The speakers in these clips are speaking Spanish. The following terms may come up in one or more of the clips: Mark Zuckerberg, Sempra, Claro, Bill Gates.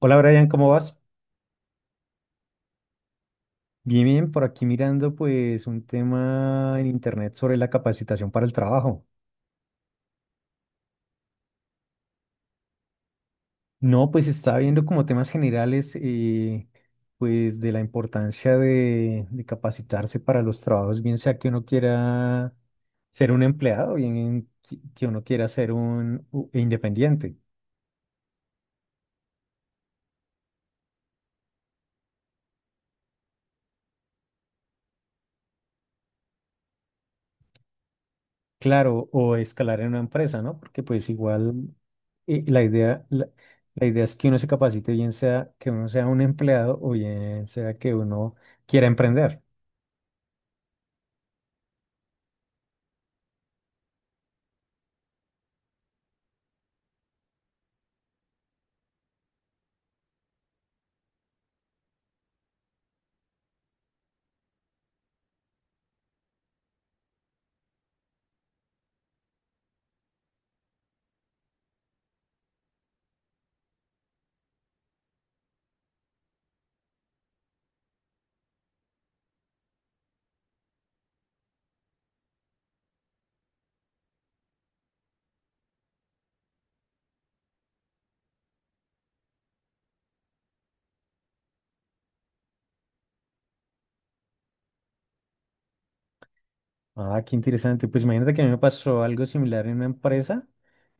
Hola Brian, ¿cómo vas? Bien, bien, por aquí mirando pues un tema en internet sobre la capacitación para el trabajo. No, pues estaba viendo como temas generales pues de la importancia de capacitarse para los trabajos, bien sea que uno quiera ser un empleado, bien que uno quiera ser independiente. Claro, o escalar en una empresa, ¿no? Porque pues igual la idea, la idea es que uno se capacite, bien sea que uno sea un empleado o bien sea que uno quiera emprender. Ah, qué interesante. Pues imagínate que a mí me pasó algo similar en una empresa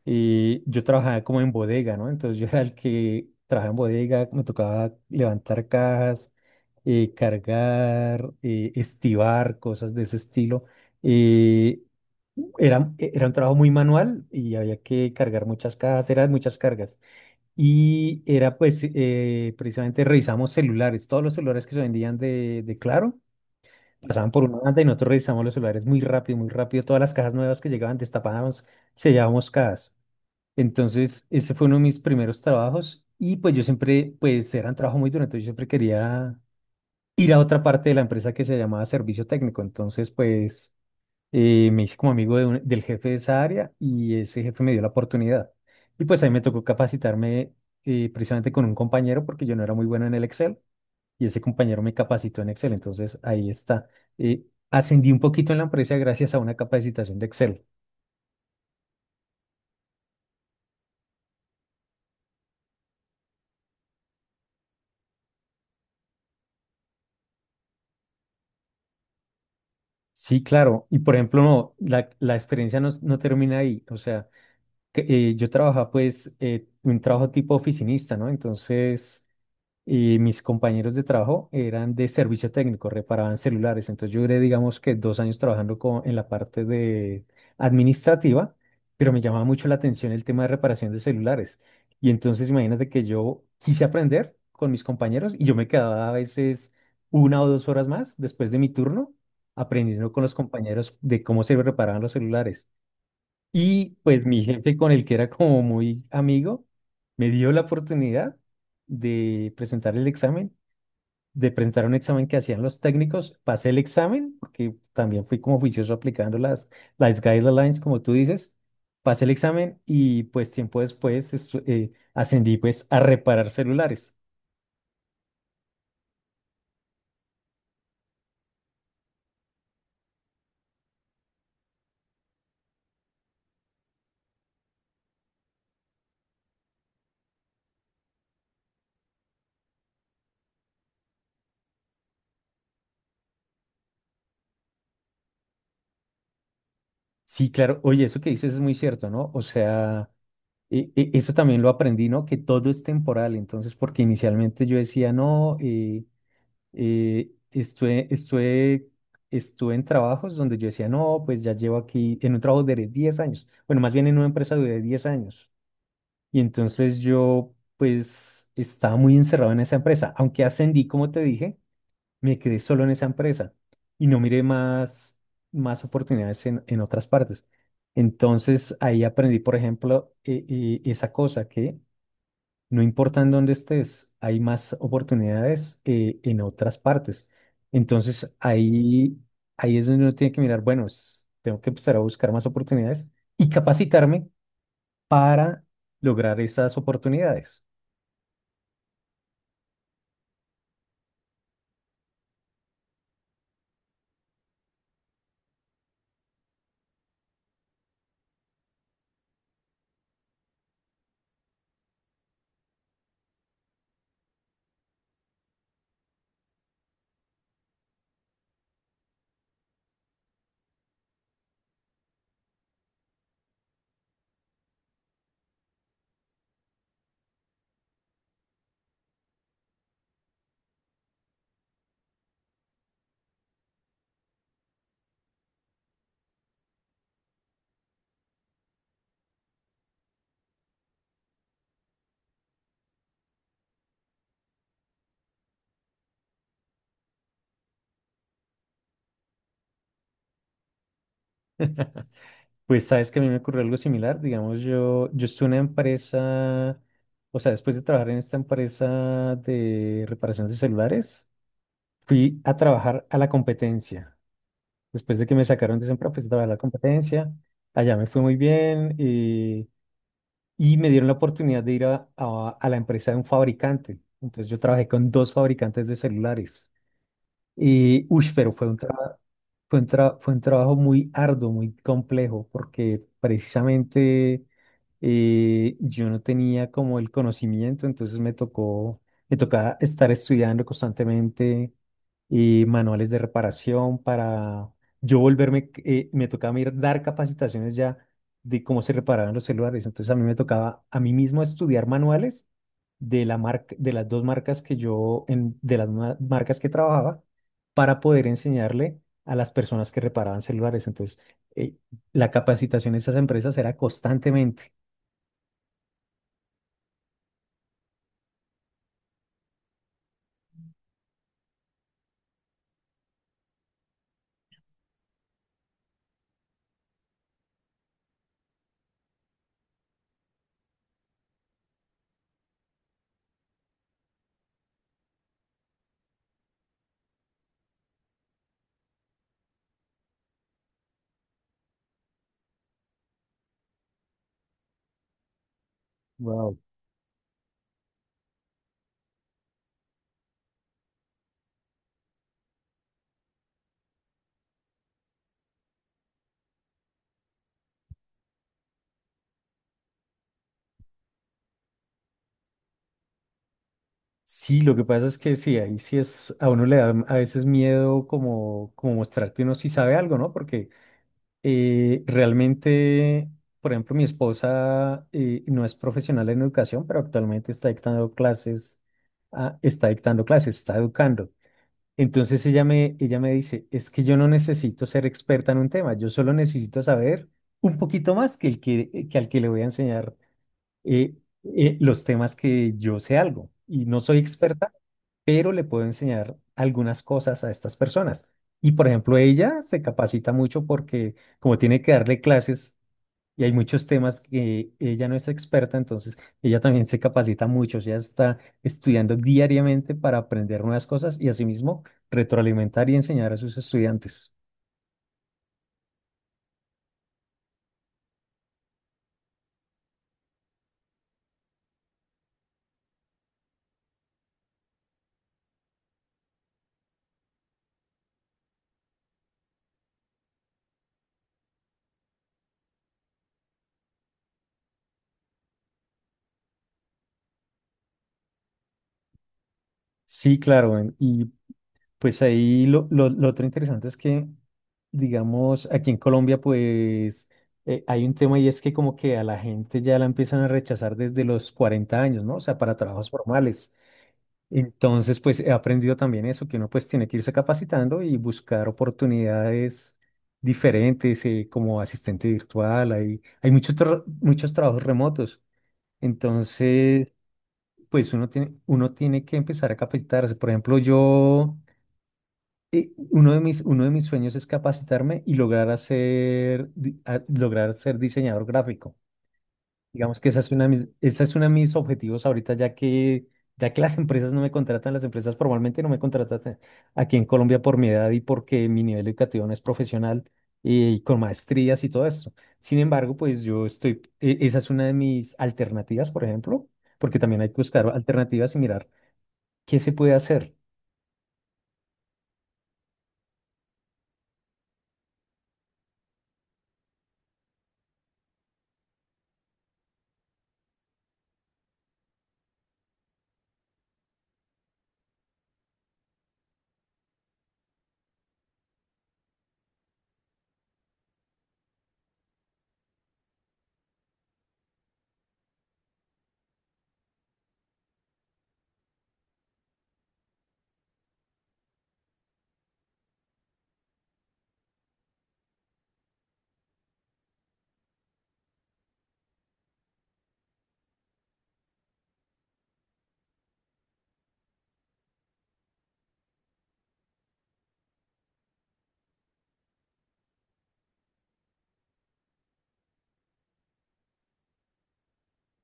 y yo trabajaba como en bodega, ¿no? Entonces yo era el que trabajaba en bodega, me tocaba levantar cajas, cargar, estibar, cosas de ese estilo. Eh, era un trabajo muy manual y había que cargar muchas cajas, eran muchas cargas. Y era pues, precisamente revisamos celulares, todos los celulares que se vendían de Claro, pasaban por una banda y nosotros revisamos los celulares muy rápido, muy rápido. Todas las cajas nuevas que llegaban, destapábamos, sellábamos cajas. Entonces, ese fue uno de mis primeros trabajos y pues yo siempre, pues era un trabajo muy duro, entonces yo siempre quería ir a otra parte de la empresa que se llamaba servicio técnico. Entonces, pues me hice como amigo de del jefe de esa área y ese jefe me dio la oportunidad. Y pues ahí me tocó capacitarme precisamente con un compañero porque yo no era muy bueno en el Excel y ese compañero me capacitó en Excel. Entonces ahí está. eh, Ascendí un poquito en la empresa gracias a una capacitación de Excel. Sí, claro. Y por ejemplo, no, la experiencia no, no termina ahí. O sea, que, yo trabajaba pues un trabajo tipo oficinista, ¿no? Entonces, y mis compañeros de trabajo eran de servicio técnico, reparaban celulares. Entonces yo duré, digamos que 2 años trabajando en la parte de administrativa, pero me llamaba mucho la atención el tema de reparación de celulares. Y entonces imagínate que yo quise aprender con mis compañeros y yo me quedaba a veces una o dos horas más después de mi turno aprendiendo con los compañeros de cómo se reparaban los celulares. Y pues mi jefe con el que era como muy amigo, me dio la oportunidad de presentar el examen, de presentar un examen que hacían los técnicos. Pasé el examen, porque también fui como juicioso aplicando las guidelines, como tú dices. Pasé el examen y pues tiempo después ascendí pues a reparar celulares. Sí, claro. Oye, eso que dices es muy cierto, ¿no? O sea, eso también lo aprendí, ¿no? Que todo es temporal. Entonces, porque inicialmente yo decía, no, Eh, estuve, estuve, estuve en trabajos donde yo decía, no, pues ya llevo aquí, en un trabajo de 10 años. Bueno, más bien en una empresa de 10 años. Y entonces yo, pues, estaba muy encerrado en esa empresa. Aunque ascendí, como te dije, me quedé solo en esa empresa y no miré más, más oportunidades en otras partes. Entonces ahí aprendí, por ejemplo, esa cosa que no importa en dónde estés, hay más oportunidades en otras partes. Entonces ahí, ahí es donde uno tiene que mirar, bueno, tengo que empezar a buscar más oportunidades y capacitarme para lograr esas oportunidades. Pues sabes que a mí me ocurrió algo similar, digamos, yo estuve en una empresa, o sea, después de trabajar en esta empresa de reparación de celulares, fui a trabajar a la competencia. Después de que me sacaron de Sempra, pues estaba la competencia. Allá me fue muy bien y me dieron la oportunidad de ir a, a la empresa de un fabricante. Entonces yo trabajé con dos fabricantes de celulares. Y, uy, pero fue un trabajo. Fue un trabajo muy arduo, muy complejo, porque precisamente yo no tenía como el conocimiento, entonces me tocó, me tocaba estar estudiando constantemente manuales de reparación para yo volverme, me tocaba ir dar capacitaciones ya de cómo se reparaban los celulares, entonces a mí me tocaba a mí mismo estudiar manuales de la marca, de las dos marcas que yo, en, de las marcas que trabajaba, para poder enseñarle a las personas que reparaban celulares. Entonces, eh, la capacitación de esas empresas era constantemente. Wow. Sí, lo que pasa es que sí, ahí sí es, a uno le da a veces miedo como, como mostrar que uno sí sabe algo, ¿no? Porque realmente, por ejemplo, mi esposa no es profesional en educación, pero actualmente está dictando clases, ah, está dictando clases, está educando. Entonces ella me dice, es que yo no necesito ser experta en un tema, yo solo necesito saber un poquito más que, el que al que le voy a enseñar eh, los temas que yo sé algo. Y no soy experta, pero le puedo enseñar algunas cosas a estas personas. Y por ejemplo, ella se capacita mucho porque como tiene que darle clases y hay muchos temas que ella no es experta, entonces ella también se capacita mucho, o sea, está estudiando diariamente para aprender nuevas cosas y asimismo retroalimentar y enseñar a sus estudiantes. Sí, claro, y pues ahí lo otro interesante es que, digamos, aquí en Colombia, pues hay un tema y es que como que a la gente ya la empiezan a rechazar desde los 40 años, ¿no? O sea, para trabajos formales. Entonces, pues he aprendido también eso, que uno pues tiene que irse capacitando y buscar oportunidades diferentes, como asistente virtual, hay muchos, muchos trabajos remotos. Entonces, pues uno tiene que empezar a capacitarse. Por ejemplo, uno de mis sueños es capacitarme y lograr hacer, lograr ser diseñador gráfico. Digamos que esa es una de mis, esa es una de mis objetivos ahorita, ya que las empresas no me contratan, las empresas formalmente no me contratan aquí en Colombia por mi edad y porque mi nivel educativo no es profesional y con maestrías y todo eso. Sin embargo, pues yo estoy, esa es una de mis alternativas, por ejemplo, porque también hay que buscar alternativas y mirar qué se puede hacer.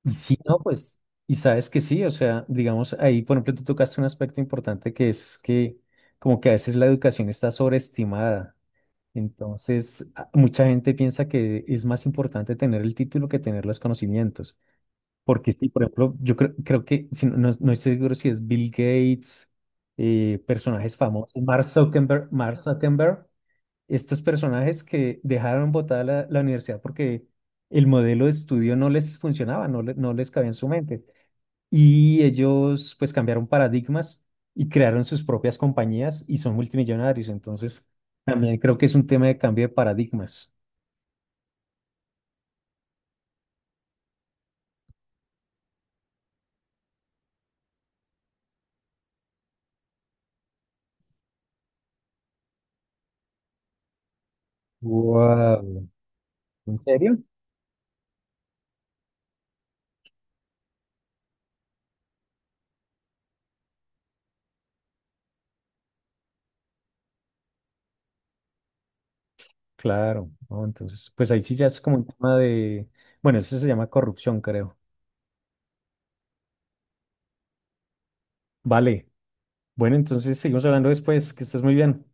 Y si no, pues, y sabes que sí, o sea, digamos, ahí, por ejemplo, tú tocaste un aspecto importante que es que como que a veces la educación está sobreestimada. Entonces, mucha gente piensa que es más importante tener el título que tener los conocimientos. Porque sí, por ejemplo, yo creo, creo que, si no, no estoy seguro si es Bill Gates, personajes famosos, Mark Zuckerberg, estos personajes que dejaron botada la universidad porque el modelo de estudio no les funcionaba, no, no les cabía en su mente y ellos pues cambiaron paradigmas y crearon sus propias compañías y son multimillonarios. Entonces, también creo que es un tema de cambio de paradigmas. Wow. ¿En serio? Claro, ¿no? Entonces, pues ahí sí ya es como un tema de, bueno, eso se llama corrupción, creo. Vale, bueno, entonces seguimos hablando después, que estés muy bien.